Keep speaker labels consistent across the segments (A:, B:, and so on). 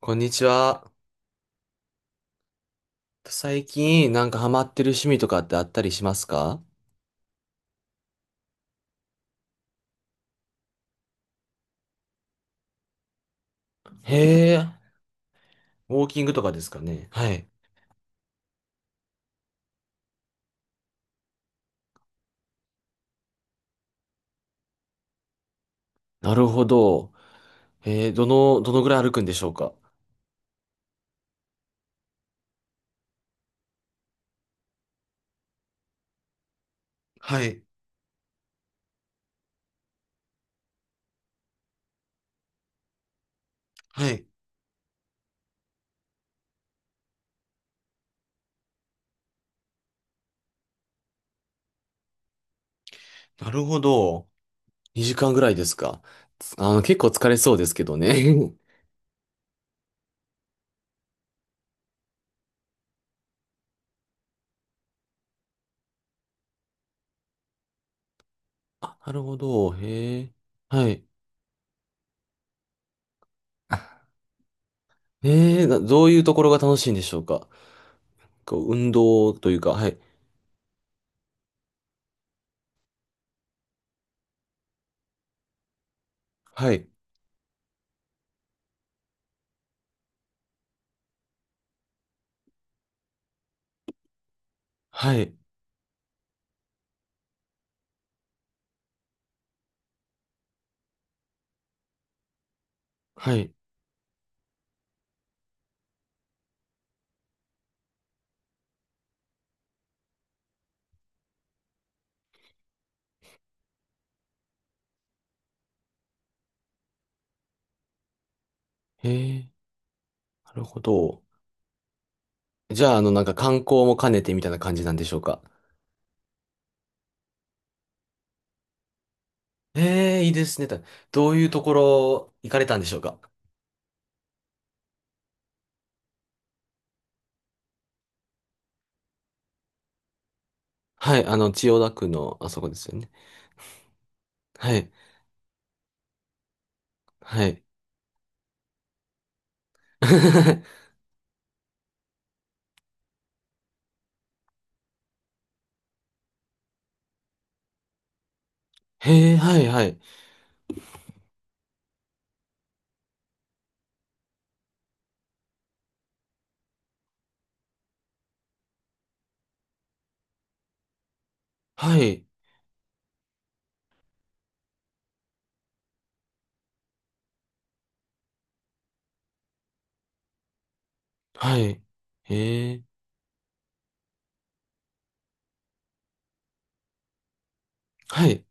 A: こんにちは。最近なんかハマってる趣味とかってあったりしますか？へえ、ウォーキングとかですかね。はい。なるほど。どの、どのぐらい歩くんでしょうか？はい。はい。なるほど。2時間ぐらいですか。つあの、結構疲れそうですけどね。あ、なるほど。へえ。はい。えーなどういうところが楽しいんでしょうか？こう運動というか、はい。はい。はい。はい。へえ、なるほど。じゃあ、あの、なんか観光も兼ねてみたいな感じなんでしょうか。ええ、いいですね。たどういうところ行かれたんでしょうか。はい、あの、千代田区のあそこですよね。はい、はい。へえ、はい、はい、はい、はい。へえ、はい。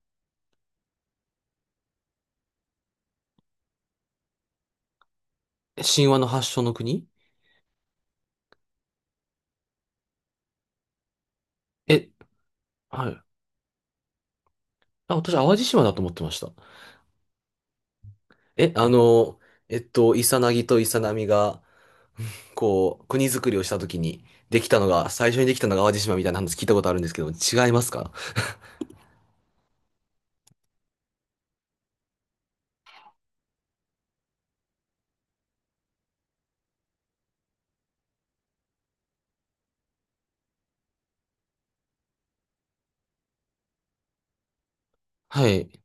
A: 神話の発祥の国？え、はい。あ、私、淡路島だと思ってました。え、あの、イサナギとイサナミが、こう、国づくりをしたときに、できたのが、最初にできたのが淡路島みたいな話聞いたことあるんですけど、違いますか？はい。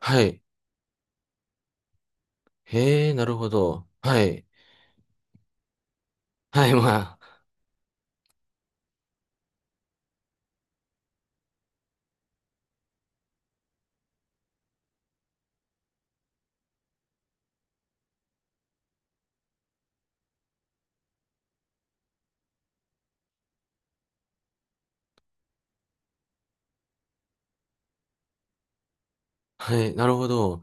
A: はい。へえ、なるほど。はい。はい、まあ。はい、なるほど。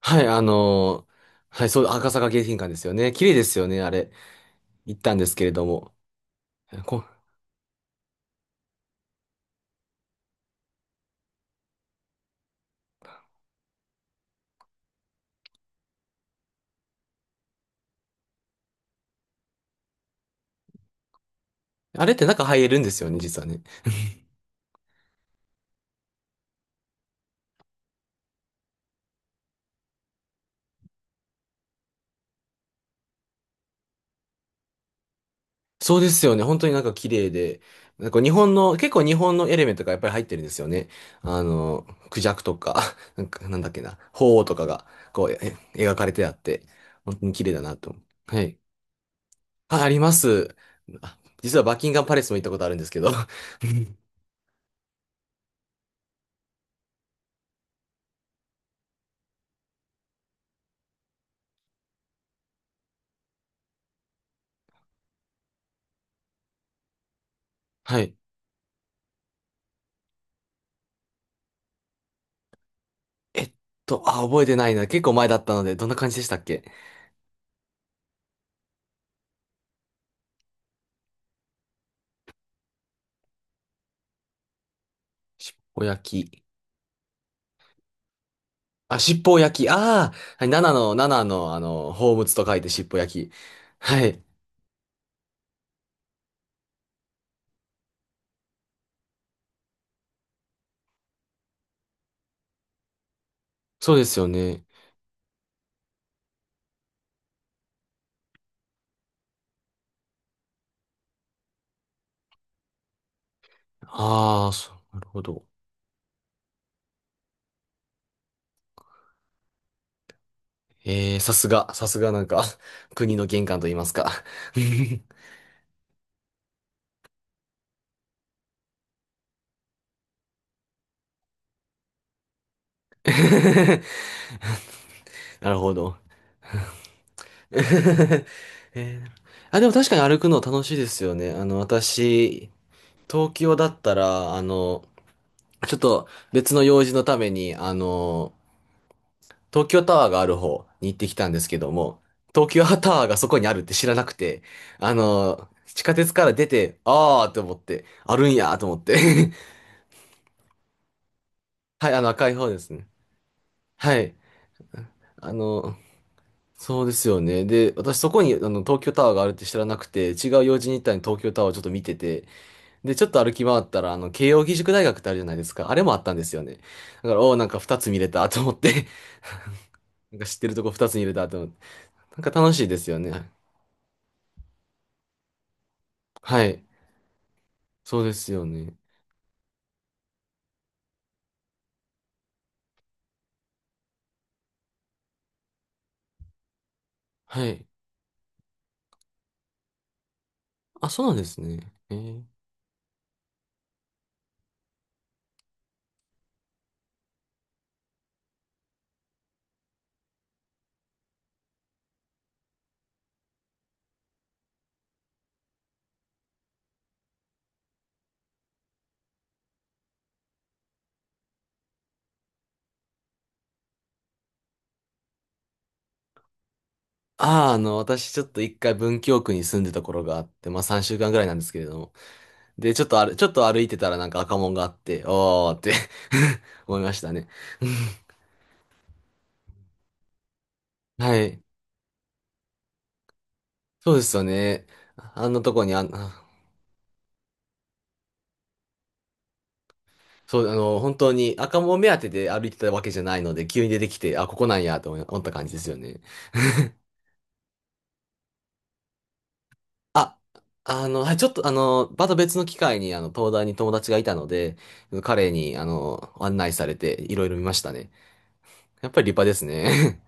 A: はい、あのーはい、そう、赤坂迎賓館ですよね。綺麗ですよね、あれ。行ったんですけれども。こ、あれって中入れるんですよね、実はね。そうですよね。本当になんか綺麗で。なんか日本の、結構日本のエレメントがやっぱり入ってるんですよね。あのクジャクとか、なんか、なんだっけな、鳳凰とかが、こう、え描かれてあって、本当に綺麗だなと。はい。あ、あります。あ実はバッキンガムパレスも行ったことあるんですけど。はい。えっあ、覚えてないな。結構前だったので、どんな感じでしたっけ？しっぽ焼き。あ、しっぽ焼き。ああ、はい、7の、7の、あの、宝物と書いてしっぽ焼き。はい。そうですよね。ああ、そう、なるほど。えー、さすが、さすがなんか、国の玄関と言いますか。なるほど。えーあ、でも確かに歩くの楽しいですよね。あの、私、東京だったら、あの、ちょっと別の用事のために、あの、東京タワーがある方に行ってきたんですけども、東京タワーがそこにあるって知らなくて、あの、地下鉄から出て、あーって思って、あるんやーと思って。はい、あの赤い方ですね。はい。あの、そうですよね。で、私そこにあの東京タワーがあるって知らなくて、違う用事に行ったのに東京タワーをちょっと見てて、で、ちょっと歩き回ったら、あの、慶応義塾大学ってあるじゃないですか。あれもあったんですよね。だから、おお、なんか二つ見れたと思って。 なんか知ってるとこ二つ見れたと思って。なんか楽しいですよね。はい。そうですよね。はい。あ、そうなんですね。えー、ああ、あの、私ちょっと一回文京区に住んでた頃があって、まあ3週間ぐらいなんですけれども。で、ちょっとある、ちょっと歩いてたらなんか赤門があって、おーって 思いましたね。はい。そうですよね。あんなとこにあん、そう、あの、本当に赤門目当てで歩いてたわけじゃないので、急に出てきて、あ、ここなんやと思い思った感じですよね。あ、あの、はい、ちょっとあの、また別の機会に、あの、東大に友達がいたので、彼に、あの、案内されて、いろいろ見ましたね。やっぱり立派ですね。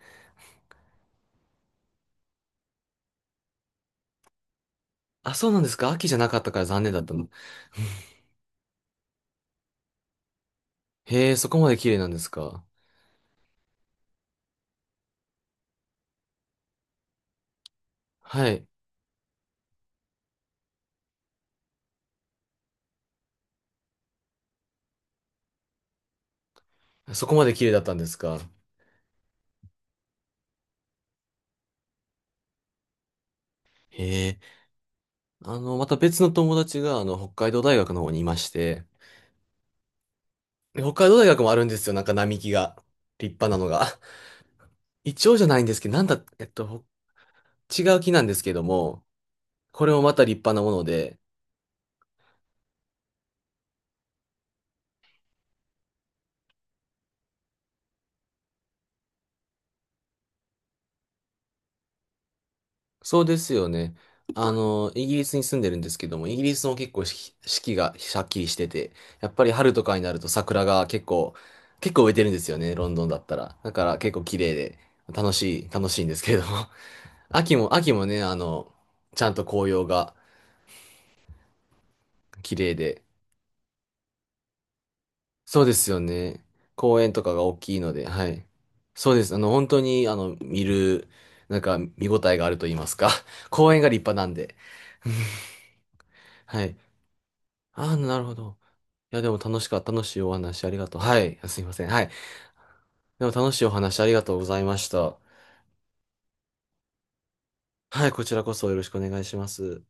A: あ、そうなんですか？秋じゃなかったから残念だったの。へえ、そこまで綺麗なんですか？はい。そこまで綺麗だったんですか？へえ。あの、また別の友達が、あの、北海道大学の方にいまして、北海道大学もあるんですよ。なんか並木が。立派なのが。一応じゃないんですけど、なんだ、ほ違う木なんですけども、これもまた立派なもので、そうですよね。あの、イギリスに住んでるんですけども、イギリスも結構四季四季がしゃっきりしてて、やっぱり春とかになると桜が結構、結構植えてるんですよね、ロンドンだったら。だから結構綺麗で、楽しい、楽しいんですけれども。秋も、秋もね、ちゃんと紅葉が綺麗で、そうですよね。公園とかが大きいので、はい。そうです。あの、本当に、あの、見る、なんか、見応えがあると言いますか。公園が立派なんで。はい。ああ、なるほど。いや、でも楽しかった。楽しいお話ありがとう。はい。あすいません。はい。でも楽しいお話ありがとうございました。はい、こちらこそよろしくお願いします。